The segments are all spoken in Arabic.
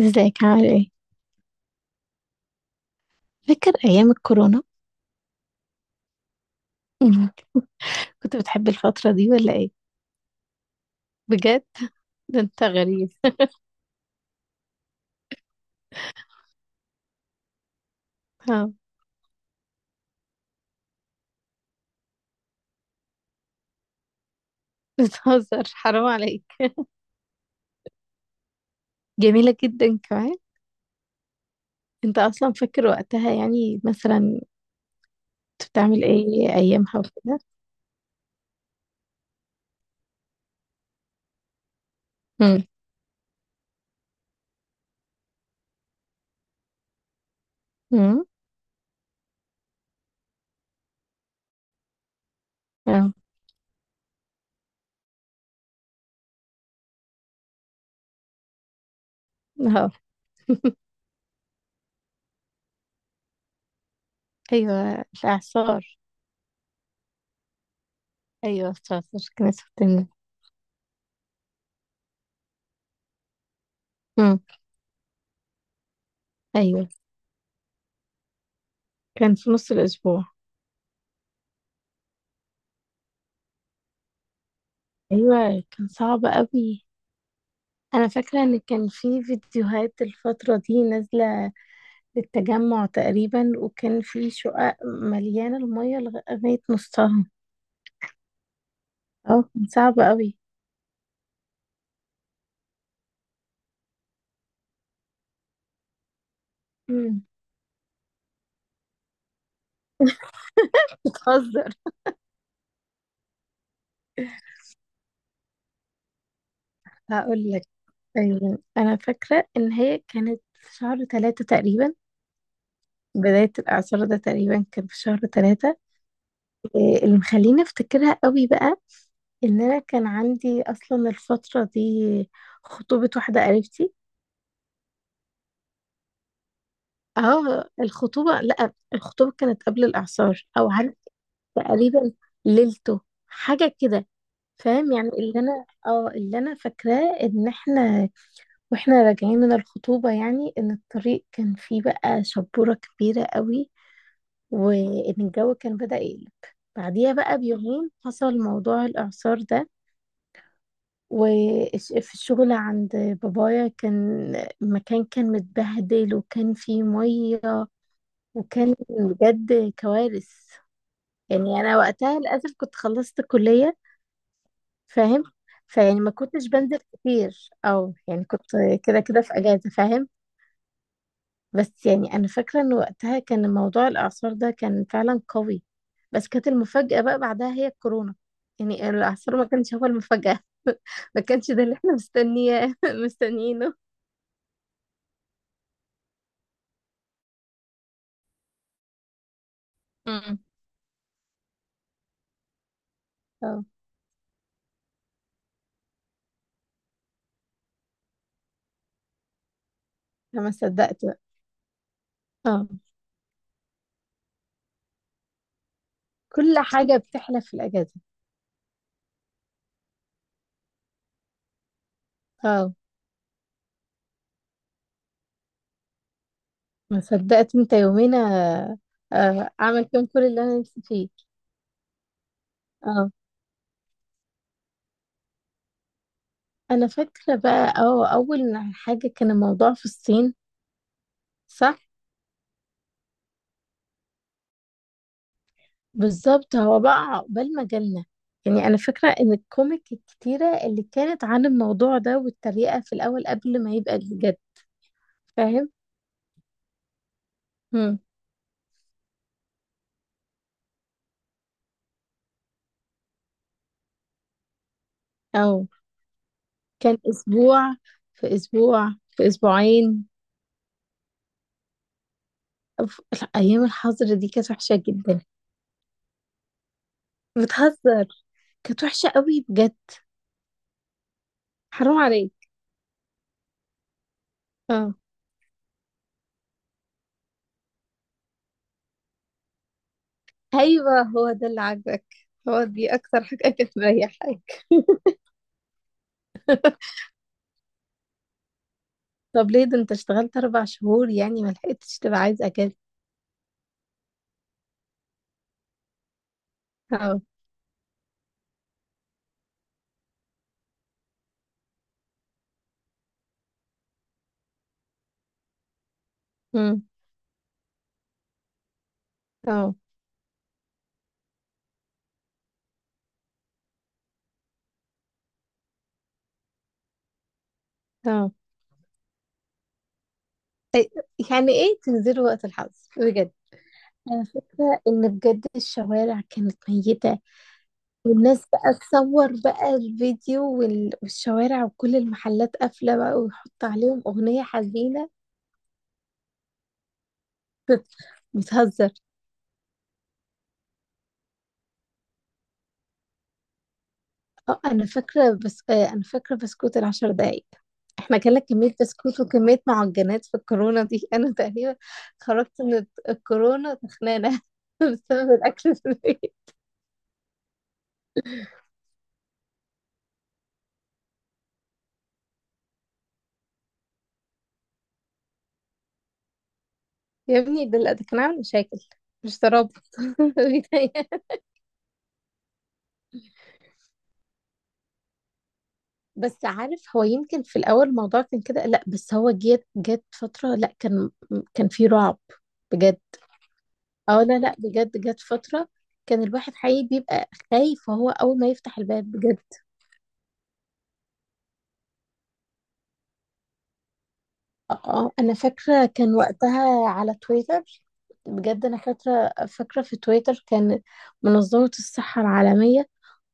ازيك عامل ايه؟ فاكر أيام الكورونا؟ مم. كنت بتحب الفترة دي ولا ايه؟ بجد. ده انت غريب. ها. بتهزر، حرام عليك. جميلة جدا كمان. انت أصلا فاكر وقتها يعني مثلا كنت بتعمل ايه أيامها وكده؟ مم. مم. اه، اه. أيوه، الإعصار. أيوه، الإعصار. كانت بتنجح. مم. أيوه، كان في نص الأسبوع. أيوه كان صعب قوي. أنا فاكرة إن كان في فيديوهات الفترة دي نازلة للتجمع تقريبا، وكان في شقق مليانة المية لغاية نصها. اه كان صعب قوي. مم. بتهزر. هقول لك. أيوة. أنا فاكرة إن هي كانت في شهر ثلاثة تقريبا، بداية الإعصار ده تقريبا كان في شهر ثلاثة. إيه اللي مخليني أفتكرها قوي بقى؟ إن أنا كان عندي أصلا الفترة دي خطوبة واحدة قريبتي. اه الخطوبة، لأ الخطوبة كانت قبل الإعصار، أو عارف، تقريبا ليلته، حاجة كده. فاهم؟ يعني اللي انا فاكراه ان احنا واحنا راجعين من الخطوبة، يعني ان الطريق كان فيه بقى شبورة كبيرة قوي، وان الجو كان بدأ يقلب. بعديها بقى بيومين حصل موضوع الإعصار ده. وفي الشغل عند بابايا كان المكان كان متبهدل، وكان فيه مية، وكان بجد كوارث. يعني أنا وقتها للأسف كنت خلصت كلية، فاهم؟ فيعني ما كنتش بنزل كتير، او يعني كنت كده كده في اجازه، فاهم؟ بس يعني انا فاكره ان وقتها كان موضوع الاعصار ده كان فعلا قوي، بس كانت المفاجاه بقى بعدها هي الكورونا. يعني الاعصار ما كانش هو المفاجاه. ما كانش ده اللي احنا مستنياه، مستنيينه. امم اه. أنا ما صدقت بقى. اه. كل حاجه بتحلف في الاجازه. اه، ما صدقت. انت يومين اعمل فيهم كل اللي انا نفسي فيه. اه، انا فاكره بقى. اه، اول حاجه كان الموضوع في الصين. صح، بالظبط هو بقى عقبال ما جالنا. يعني انا فاكره ان الكوميك الكتيره اللي كانت عن الموضوع ده، والتريقه في الاول قبل ما يبقى الجد، فاهم؟ مم. او كان اسبوع، في اسبوع، في اسبوعين. لا، ايام الحظر دي كانت وحشه جدا. بتهزر، كانت وحشه قوي بجد. حرام عليك. اه. ايوه هو ده اللي عاجبك. هو دي اكتر حاجه كانت مريحاك. طب ليه؟ ده انت اشتغلت اربع شهور يعني، ما لحقتش تبقى عايز اجازه. اه. امم. اه. اه. يعني ايه تنزلوا وقت الحظ بجد؟ انا فاكره ان بجد الشوارع كانت ميته، والناس بقى تصور بقى الفيديو والشوارع وكل المحلات قافله بقى، ويحط عليهم اغنيه حزينه. بتهزر. اه انا فاكره، بس انا فاكره بسكوت العشر دقايق. احنا كنا كميه بسكوت وكميه معجنات في الكورونا دي. انا تقريبا خرجت من الكورونا تخنانه بسبب الاكل في البيت. يا ابني ده لا، ده كان عامل مشاكل مش ترابط. بيتهيألي. بس عارف، هو يمكن في الاول الموضوع كان كده، لا بس هو جت فتره لا كان كان في رعب بجد. اه لا لا، بجد جت فتره كان الواحد حقيقي بيبقى خايف وهو اول ما يفتح الباب بجد. اه انا فاكره كان وقتها على تويتر. بجد انا فاكره في تويتر كان منظمه الصحه العالميه،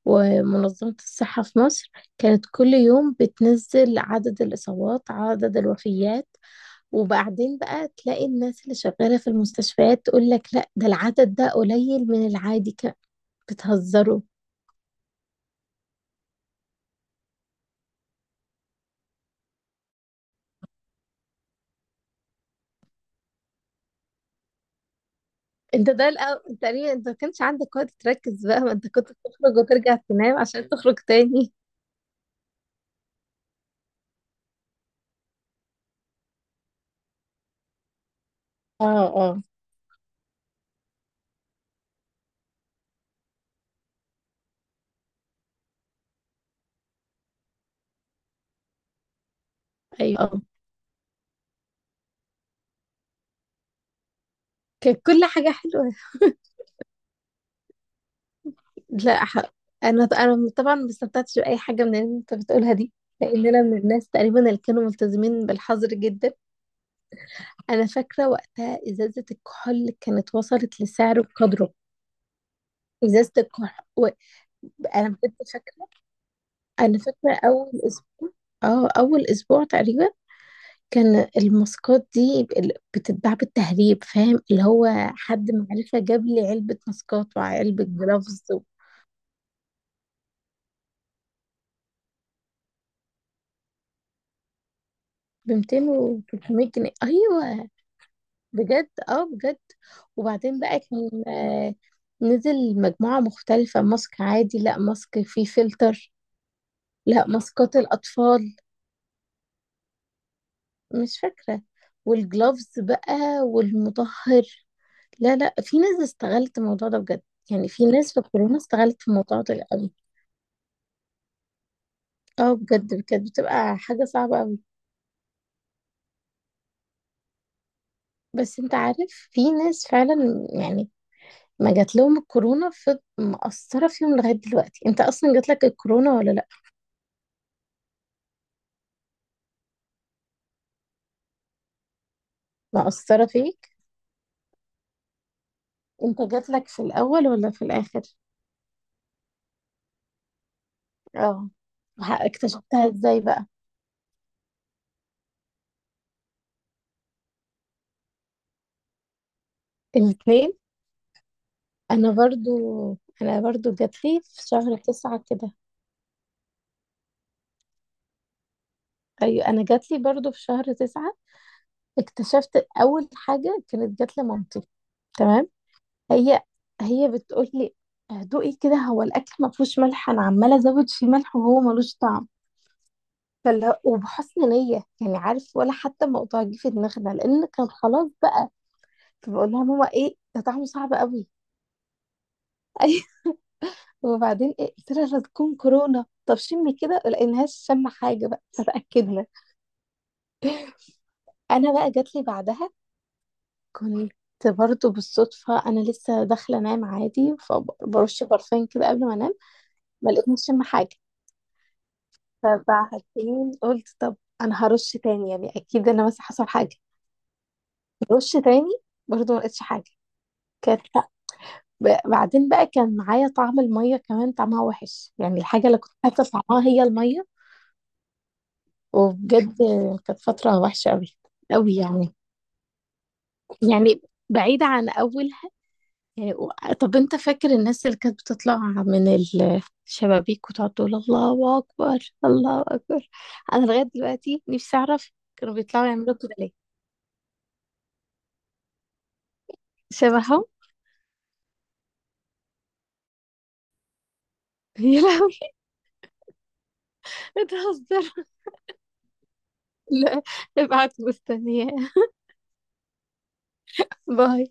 ومنظمه الصحه في مصر، كانت كل يوم بتنزل عدد الاصابات، عدد الوفيات. وبعدين بقى تلاقي الناس اللي شغاله في المستشفيات تقول لك لا، ده العدد ده قليل من العادي كان. بتهزروا. انت ده الأول تقريبا انت ما كانش عندك وقت تركز بقى، ما انت كنت بتخرج وترجع تنام عشان تخرج تاني. اه. اه. ايوه كانت كل حاجة حلوة. لا ح... أنا طبعا ما استمتعتش بأي حاجة من اللي أنت بتقولها دي، لأن أنا من الناس تقريبا اللي كانوا ملتزمين بالحظر جدا. أنا فاكرة وقتها إزازة الكحول كانت وصلت لسعر بقدره. إزازة الكحول و... أنا بجد فاكرة. أنا فاكرة أول أسبوع، اه أول أسبوع تقريبا كان الماسكات دي بتتباع بالتهريب، فاهم اللي هو حد معرفة جاب لي علبة ماسكات وعلبة جلافز ب 200 و 300 جنيه، ايوه. بجد اه بجد. وبعدين بقى كان نزل مجموعة مختلفة، ماسك عادي، لا ماسك فيه فلتر، لا ماسكات الأطفال، مش فاكرة. والجلوفز بقى، والمطهر. لا لا، في ناس استغلت الموضوع ده بجد. يعني في ناس في الكورونا استغلت في الموضوع ده قوي. اه بجد كانت بتبقى حاجة صعبة قوي. بس انت عارف، في ناس فعلا يعني ما جات لهم الكورونا في مأثرة فيهم لغاية دلوقتي. انت اصلا جات لك الكورونا ولا لا؟ مأثرة فيك؟ انت جاتلك في الاول ولا في الاخر؟ اه اكتشفتها ازاي بقى؟ الاثنين. انا برضو، انا جاتلي في شهر تسعة كده. ايوه انا جاتلي برضو في شهر تسعة. اكتشفت اول حاجة كانت جاتلي مامتي، تمام؟ هي، هي بتقول لي دوقي كده، هو الاكل ما فيهوش ملح، انا عماله ازود فيه ملح وهو ملوش طعم. وبحسن نيه يعني، عارف، ولا حتى موضوع جه في دماغنا لان كان خلاص بقى. فبقول لها ماما ايه ده طعمه صعب قوي. وبعدين ايه قلت لها لا تكون كورونا، طب شمي كده، لقيناهاش شم حاجه بقى. فتاكدنا. انا بقى جات لي بعدها، كنت برضه بالصدفه انا لسه داخله انام عادي، فبرش برفان كده قبل ما انام، ما لقيتنيش شم حاجه. فبعدين قلت طب انا هرش تاني يعني، اكيد انا مثلا حصل حاجه. رش تاني، برضه ما لقيتش حاجه. كانت بعدين بقى كان معايا طعم الميه كمان، طعمها وحش، يعني الحاجه اللي كنت حاسه طعمها هي الميه. وبجد كانت فترة وحشة أوي. أوي يعني، يعني بعيدة عن أولها. يعني و- طب أنت فاكر الناس اللي كانت بتطلع من الشبابيك وتقعد تقول الله أكبر، الله أكبر؟ أنا لغاية دلوقتي نفسي أعرف كانوا بيطلعوا يعملوا كده ليه. شبههم. يا لهوي. بتهزر. لا، ابعت، مستنية. باي.